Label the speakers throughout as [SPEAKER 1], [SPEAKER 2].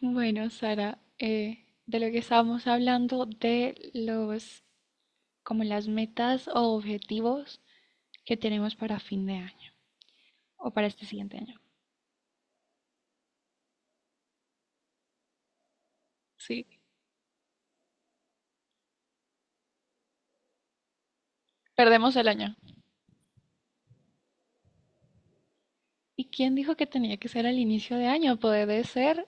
[SPEAKER 1] Bueno, Sara, de lo que estábamos hablando, como las metas o objetivos que tenemos para fin de año o para este siguiente año. Sí, perdemos el año. ¿Y quién dijo que tenía que ser al inicio de año? Puede ser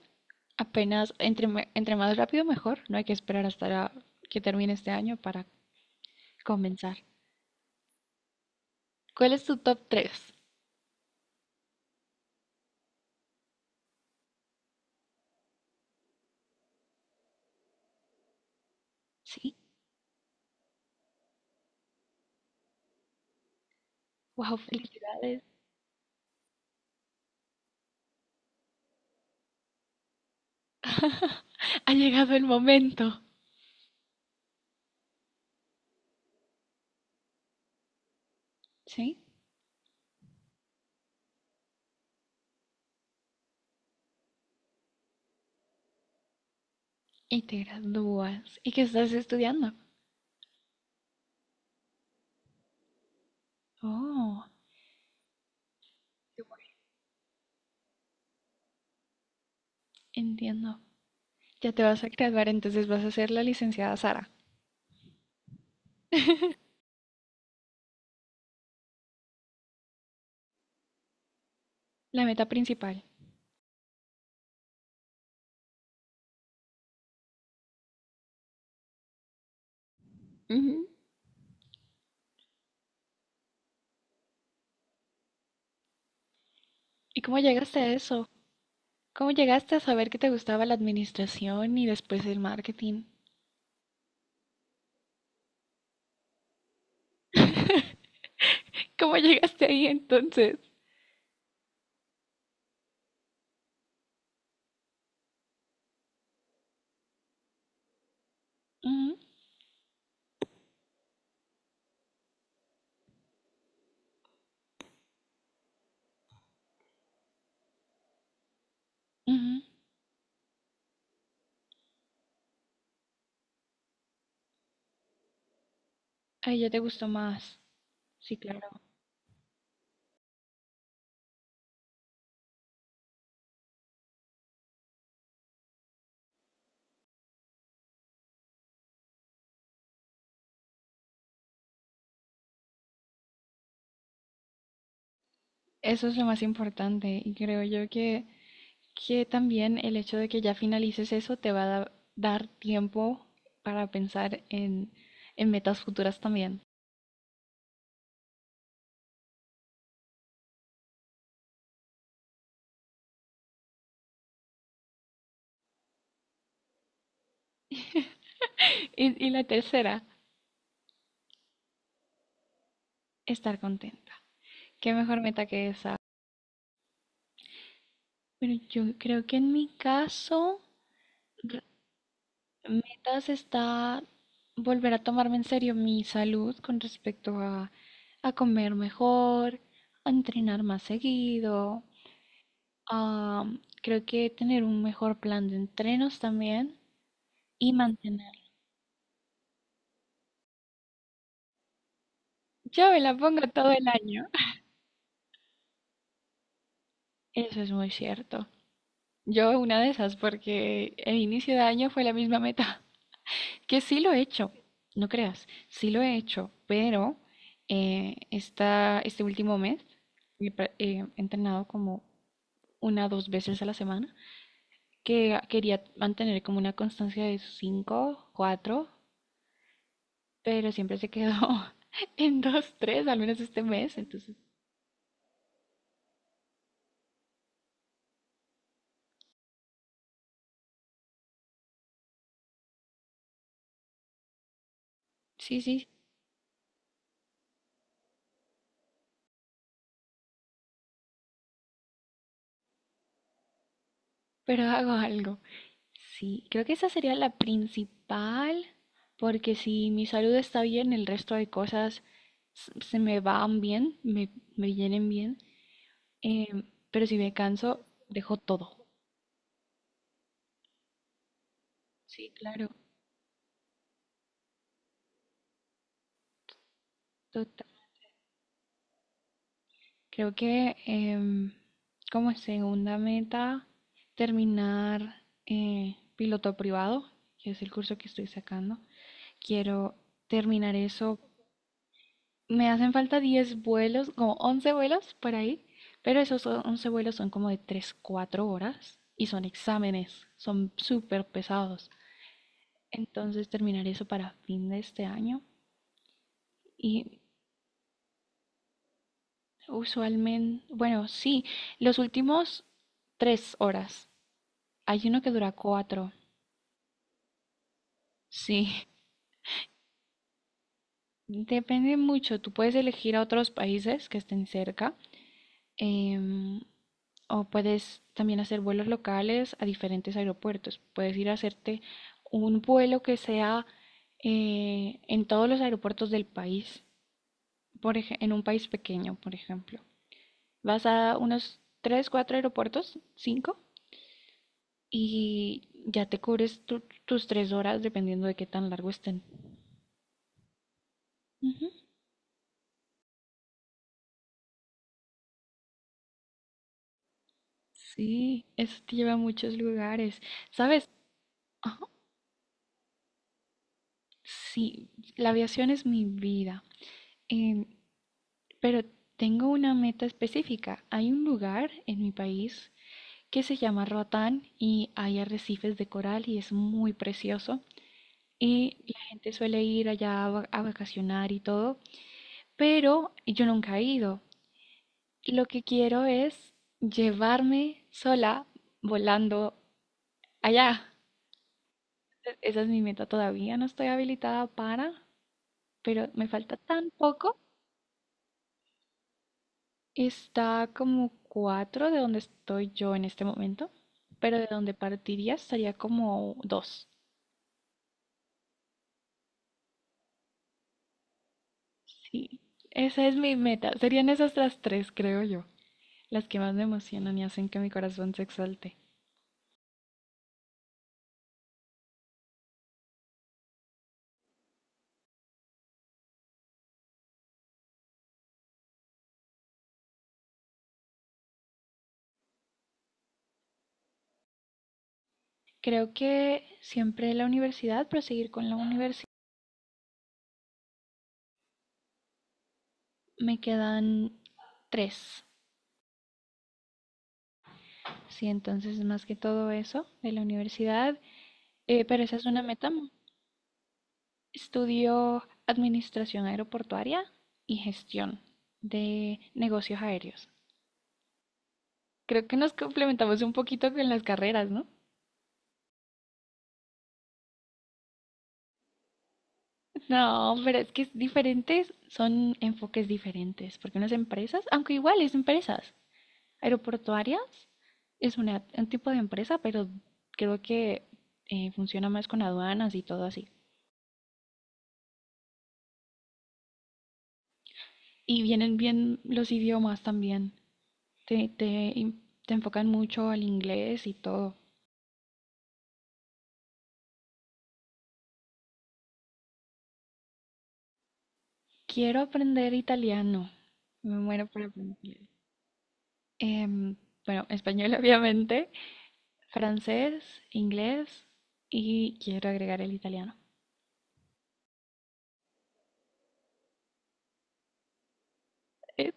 [SPEAKER 1] apenas, entre más rápido mejor. No hay que esperar hasta que termine este año para comenzar. ¿Cuál es tu top tres? Sí, wow, felicidades. Ha llegado el momento. Sí, y te gradúas. ¿Y qué estás estudiando? Oh, entiendo. Ya te vas a graduar, entonces vas a ser la licenciada Sara, la meta principal. Ujú. ¿Y cómo llegaste a eso? ¿Cómo llegaste a saber que te gustaba la administración y después el marketing? ¿Cómo llegaste ahí entonces? Ujú, ujú. Ahí ya te gustó más. Sí, claro. Eso es lo más importante y creo yo que también el hecho de que ya finalices eso te va a dar tiempo para pensar en metas futuras también. Y la tercera, estar contenta. ¿Qué mejor meta que esa? Bueno, yo creo que en mi caso, r- metas está volver a tomarme en serio mi salud con respecto a comer mejor, a entrenar más seguido, a, creo que tener un mejor plan de entrenos también y mantener. Yo me la pongo todo el año. Eso es muy cierto. Yo una de esas porque el inicio de año fue la misma meta. Que sí lo he hecho, no creas, sí lo he hecho, pero este último mes he entrenado como una o dos veces a la semana, que quería mantener como una constancia de cinco, cuatro, pero siempre se quedó en dos, tres, al menos este mes, entonces sí, sí, pero hago algo. Sí, creo que esa sería la principal, porque si mi salud está bien, el resto de cosas se me van bien, me vienen bien. Em, pero si me canso, dejo todo. Sí, claro, total. Creo que como segunda meta, terminar piloto privado, que es el curso que estoy sacando. Quiero terminar eso. Me hacen falta 10 vuelos, como 11 vuelos por ahí, pero esos 11 vuelos son como de 3, 4 horas y son exámenes, son súper pesados. Entonces terminar eso para fin de este año y usualmente, bueno, sí, los últimos 3 horas. Hay uno que dura 4, sí. Depende mucho, tú puedes elegir a otros países que estén cerca. Em, o puedes también hacer vuelos locales a diferentes aeropuertos. Puedes ir a hacerte un vuelo que sea en todos los aeropuertos del país, en un país pequeño, por ejemplo. Vas a unos 3 4 aeropuertos, 5 y ya te cubres tus 3 horas dependiendo de qué tan largo estén. Ujú. Sí, eso te lleva a muchos lugares. ¿Sabes? Ajá. Sí, la aviación es mi vida. Em, Pero tengo una meta específica. Hay un lugar en mi país que se llama Roatán y hay arrecifes de coral y es muy precioso. Y la gente suele ir allá a vacacionar y todo, pero yo nunca he ido. Lo que quiero es llevarme sola volando allá. Esa es mi meta todavía, no estoy habilitada para, pero me falta tan poco. Está como cuatro de donde estoy yo en este momento, pero de donde partiría estaría como dos. Sí, esa es mi meta. Serían esas las tres, creo yo, las que más me emocionan y hacen que mi corazón se exalte. Creo que siempre la universidad, proseguir con la universidad, me quedan tres. Sí, entonces más que todo eso de la universidad, pero esa es una meta. Estudió Administración Aeroportuaria y Gestión de Negocios Aéreos. Creo que nos complementamos un poquito con las carreras, ¿no? No, pero es que es diferentes, son enfoques diferentes, porque unas empresas, aunque igual es empresas, aeroportuarias es un tipo de empresa, pero creo que funciona más con aduanas y todo así. Y vienen bien los idiomas también, te, te, te enfocan mucho al inglés y todo. Quiero aprender italiano. Me muero por aprender. Em, bueno, español obviamente, francés, inglés y quiero agregar el italiano. Eh,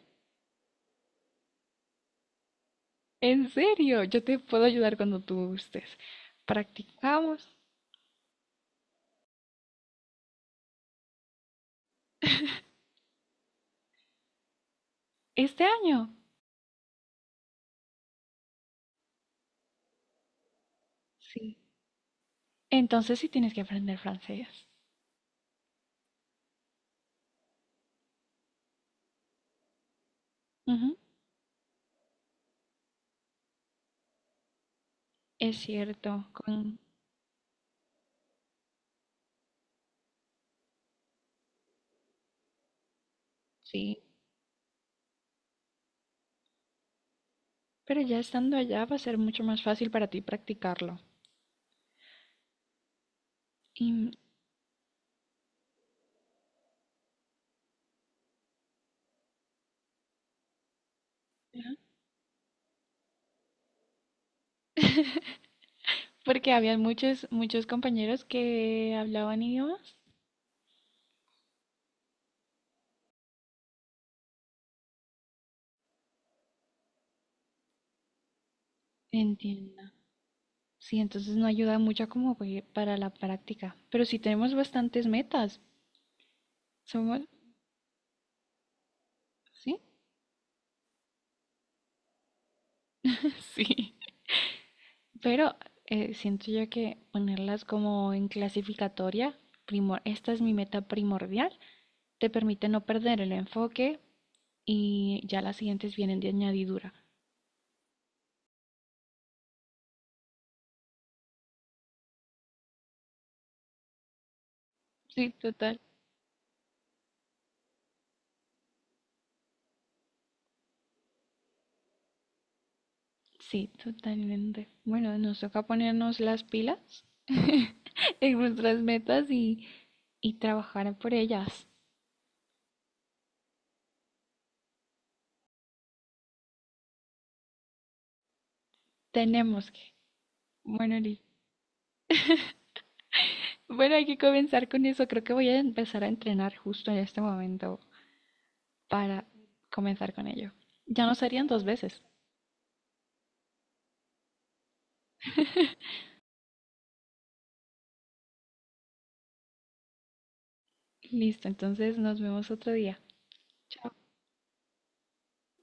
[SPEAKER 1] En serio, yo te puedo ayudar cuando tú gustes. Practicamos este año. Sí. Entonces sí tienes que aprender francés. Ujú, es cierto, con. Sí. Pero ya estando allá va a ser mucho más fácil para ti practicarlo. Y, Ajá. Porque habían muchos, muchos compañeros que hablaban idiomas. Entiendo. Sí, entonces no ayuda mucho como pues, para la práctica. Pero sí tenemos bastantes metas. Somos, ¿sí? Sí. Pero siento yo que ponerlas como en clasificatoria, primor, esta es mi meta primordial, te permite no perder el enfoque y ya las siguientes vienen de añadidura. Sí, total. Sí, totalmente. Bueno, nos toca ponernos las pilas en nuestras metas y trabajar por ellas. Tenemos que. Bueno, Liz. Bueno, hay que comenzar con eso. Creo que voy a empezar a entrenar justo en este momento para comenzar con ello. Ya no serían dos veces. Listo, entonces nos vemos otro día. Chao.